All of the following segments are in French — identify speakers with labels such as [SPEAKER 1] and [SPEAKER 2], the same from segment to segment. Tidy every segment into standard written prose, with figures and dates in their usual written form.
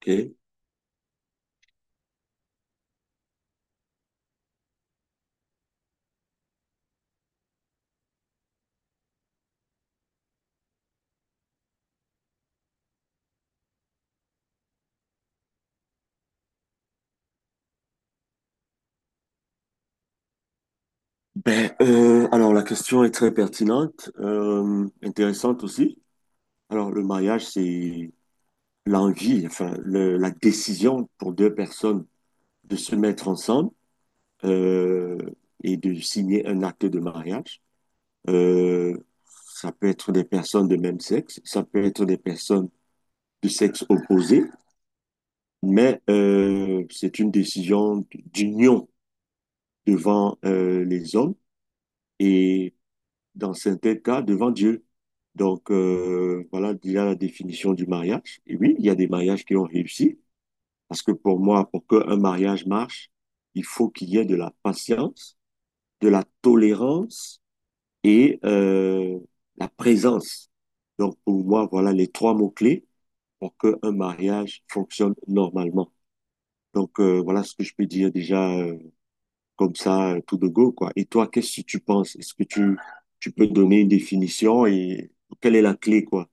[SPEAKER 1] Ok. Alors la question est très pertinente, intéressante aussi. Alors le mariage, c'est l'envie, la décision pour deux personnes de se mettre ensemble euh, et de signer un acte de mariage. Euh, Ça peut être des personnes de même sexe, ça peut être des personnes de sexe opposé, mais c'est une décision d'union devant les hommes et dans certains cas devant Dieu. Voilà déjà la définition du mariage. Et oui, il y a des mariages qui ont réussi, parce que pour moi, pour qu'un mariage marche, il faut qu'il y ait de la patience, de la tolérance et la présence. Donc, pour moi, voilà les trois mots-clés pour qu'un mariage fonctionne normalement. Voilà ce que je peux dire déjà comme ça, tout de go, quoi. Et toi, qu'est-ce que tu penses? Tu peux donner une définition et quelle est la clé, quoi?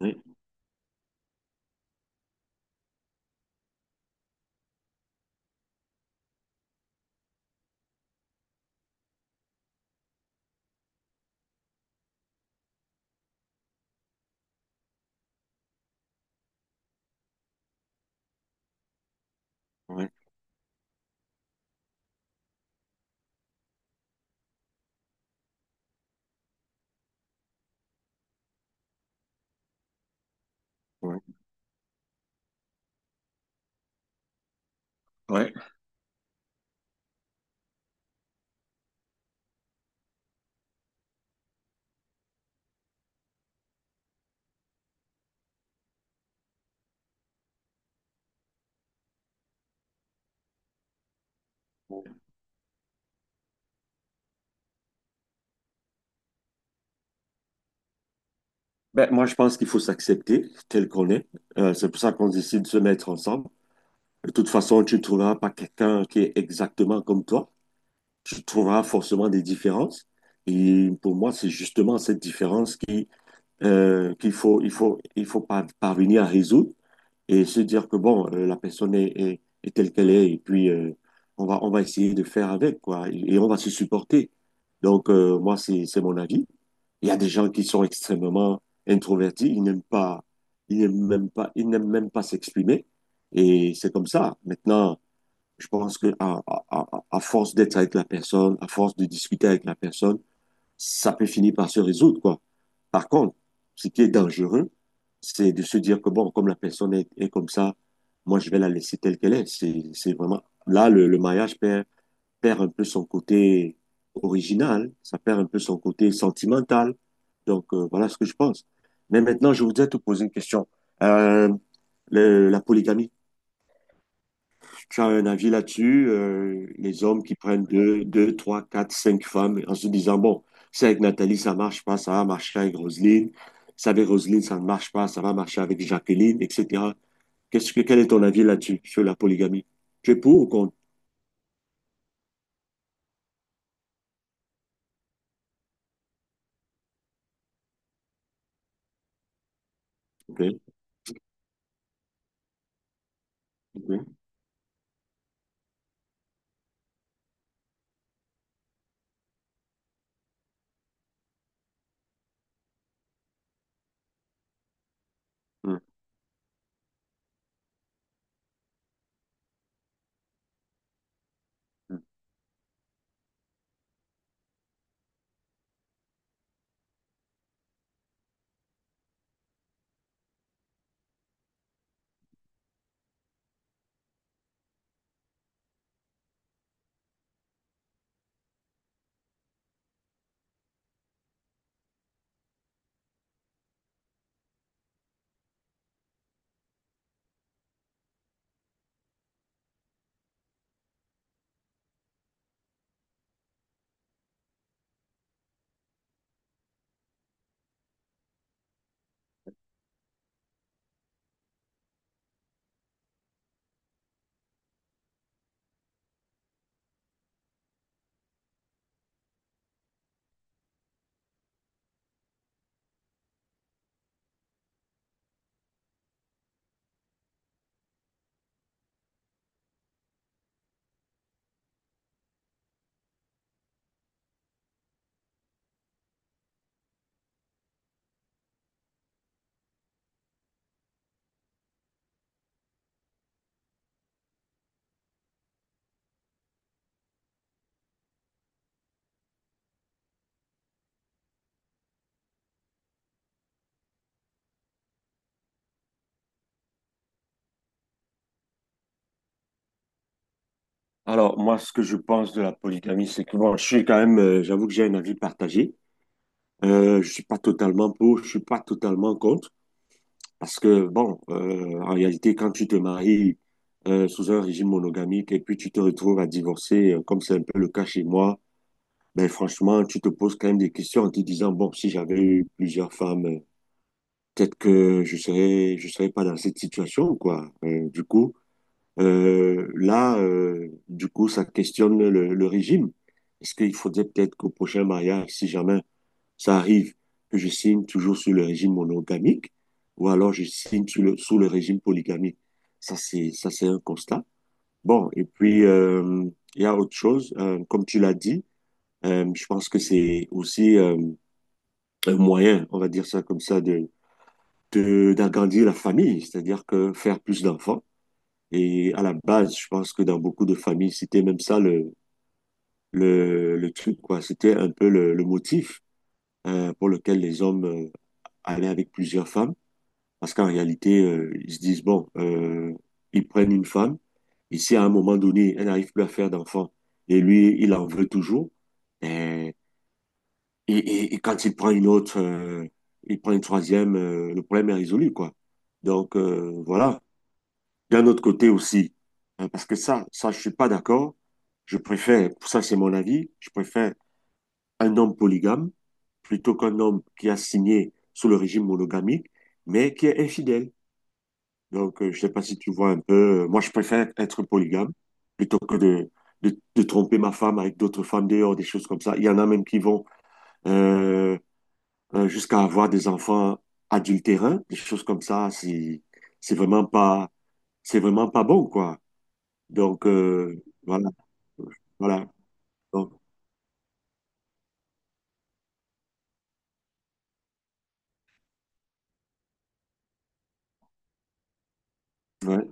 [SPEAKER 1] Ouais, ouais, ouais. Ouais, ouais. Ben, moi, je pense qu'il faut s'accepter tel qu'on est. C'est pour ça qu'on décide de se mettre ensemble. De toute façon, tu ne trouveras pas quelqu'un qui est exactement comme toi. Tu trouveras forcément des différences. Et pour moi, c'est justement cette différence qui, qu'il faut, il faut, il faut parvenir à résoudre, et se dire que bon, la personne est telle qu'elle est et puis on va essayer de faire avec, quoi, et on va se supporter. Moi, c'est mon avis. Il y a des gens qui sont extrêmement introvertis, ils n'aiment pas, ils n'aiment même pas, ils n'aiment même pas s'exprimer et c'est comme ça. Maintenant, je pense que à force d'être avec la personne, à force de discuter avec la personne, ça peut finir par se résoudre, quoi. Par contre, ce qui est dangereux, c'est de se dire que, bon, comme la personne est comme ça, moi, je vais la laisser telle qu'elle est. C'est Là, le mariage perd un peu son côté original, ça perd un peu son côté sentimental. Voilà ce que je pense. Mais maintenant, je voudrais te poser une question. Euh, la polygamie, tu as un avis là-dessus, les hommes qui prennent deux, trois, quatre, cinq femmes en se disant, bon, c'est avec Nathalie, ça marche pas, ça va marcher avec Roselyne, ça ne marche pas, ça va marcher avec Jacqueline, etc. Qu'est-ce que, quel est ton avis là-dessus, sur la polygamie? Tu es pour ou contre? Ok, ok, hmm. Alors, moi, ce que je pense de la polygamie, c'est que bon, je suis quand même, j'avoue que j'ai un avis partagé. Je suis pas totalement pour, je suis pas totalement contre. Parce que, bon, en réalité, quand tu te maries sous un régime monogamique et puis tu te retrouves à divorcer, comme c'est un peu le cas chez moi, ben franchement, tu te poses quand même des questions en te disant, bon, si j'avais eu plusieurs femmes, peut-être que je serais pas dans cette situation, quoi. Du coup, ça questionne le régime. Est-ce qu'il faudrait peut-être qu'au prochain mariage, si jamais ça arrive que je signe toujours sur le régime monogamique ou alors je signe sous le régime polygamique. Ça, c'est un constat. Bon, et puis, il y a autre chose. Comme tu l'as dit, je pense que c'est aussi un moyen, on va dire ça comme ça, de, d'agrandir la famille, c'est-à-dire que faire plus d'enfants. Et à la base, je pense que dans beaucoup de familles, c'était même ça le truc, quoi. C'était un peu le motif pour lequel les hommes allaient avec plusieurs femmes, parce qu'en réalité, ils se disent, bon, ils prennent une femme, et si à un moment donné, elle n'arrive plus à faire d'enfant, et lui, il en veut toujours, euh, et quand il prend une autre, il prend une troisième, le problème est résolu, quoi. Voilà. D'un autre côté aussi, hein, parce que ça, je suis pas d'accord. Je préfère, ça c'est mon avis, je préfère un homme polygame plutôt qu'un homme qui a signé sous le régime monogamique, mais qui est infidèle. Je sais pas si tu vois un peu. Moi, je préfère être polygame plutôt que de tromper ma femme avec d'autres femmes dehors, des choses comme ça. Il y en a même qui vont euh, jusqu'à avoir des enfants adultérins, des choses comme ça. C'est vraiment pas c'est vraiment pas bon, quoi. Donc euh, voilà, voilà. Donc, ouais,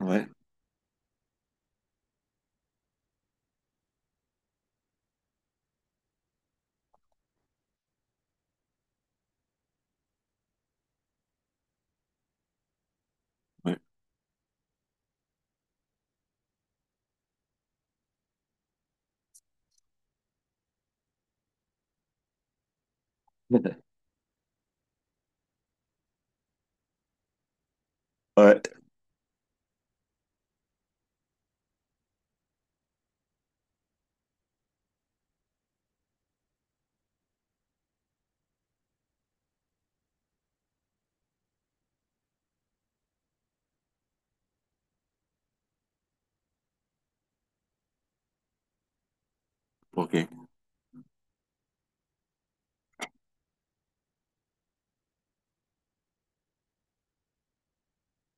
[SPEAKER 1] ouais, ouais. Ouais, ok.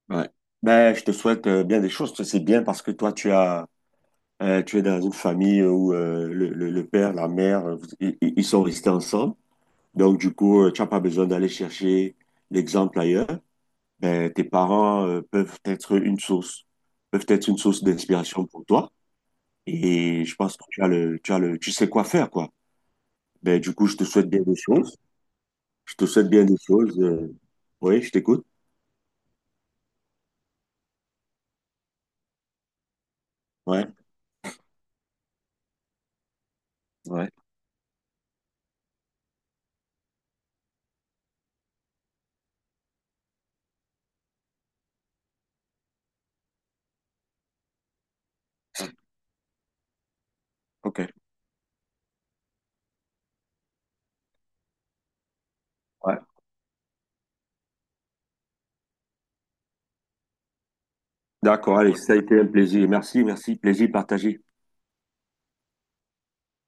[SPEAKER 1] Ouais. Ben, je te souhaite bien des choses. C'est bien parce que toi, tu as... Tu es dans une famille où le père, la mère, ils, ils sont restés ensemble. Donc, du coup, tu n'as pas besoin d'aller chercher l'exemple ailleurs. Ben, tes parents peuvent être une source, peuvent être une source d'inspiration pour toi. Et je pense que tu sais quoi faire, quoi. Ben, du coup, je te souhaite bien des choses. Je te souhaite bien des choses. Euh. Oui, je t'écoute. Ouais, ouais. OK. Ouais. D'accord, allez, ça a été un plaisir. Merci, merci. Plaisir partagé.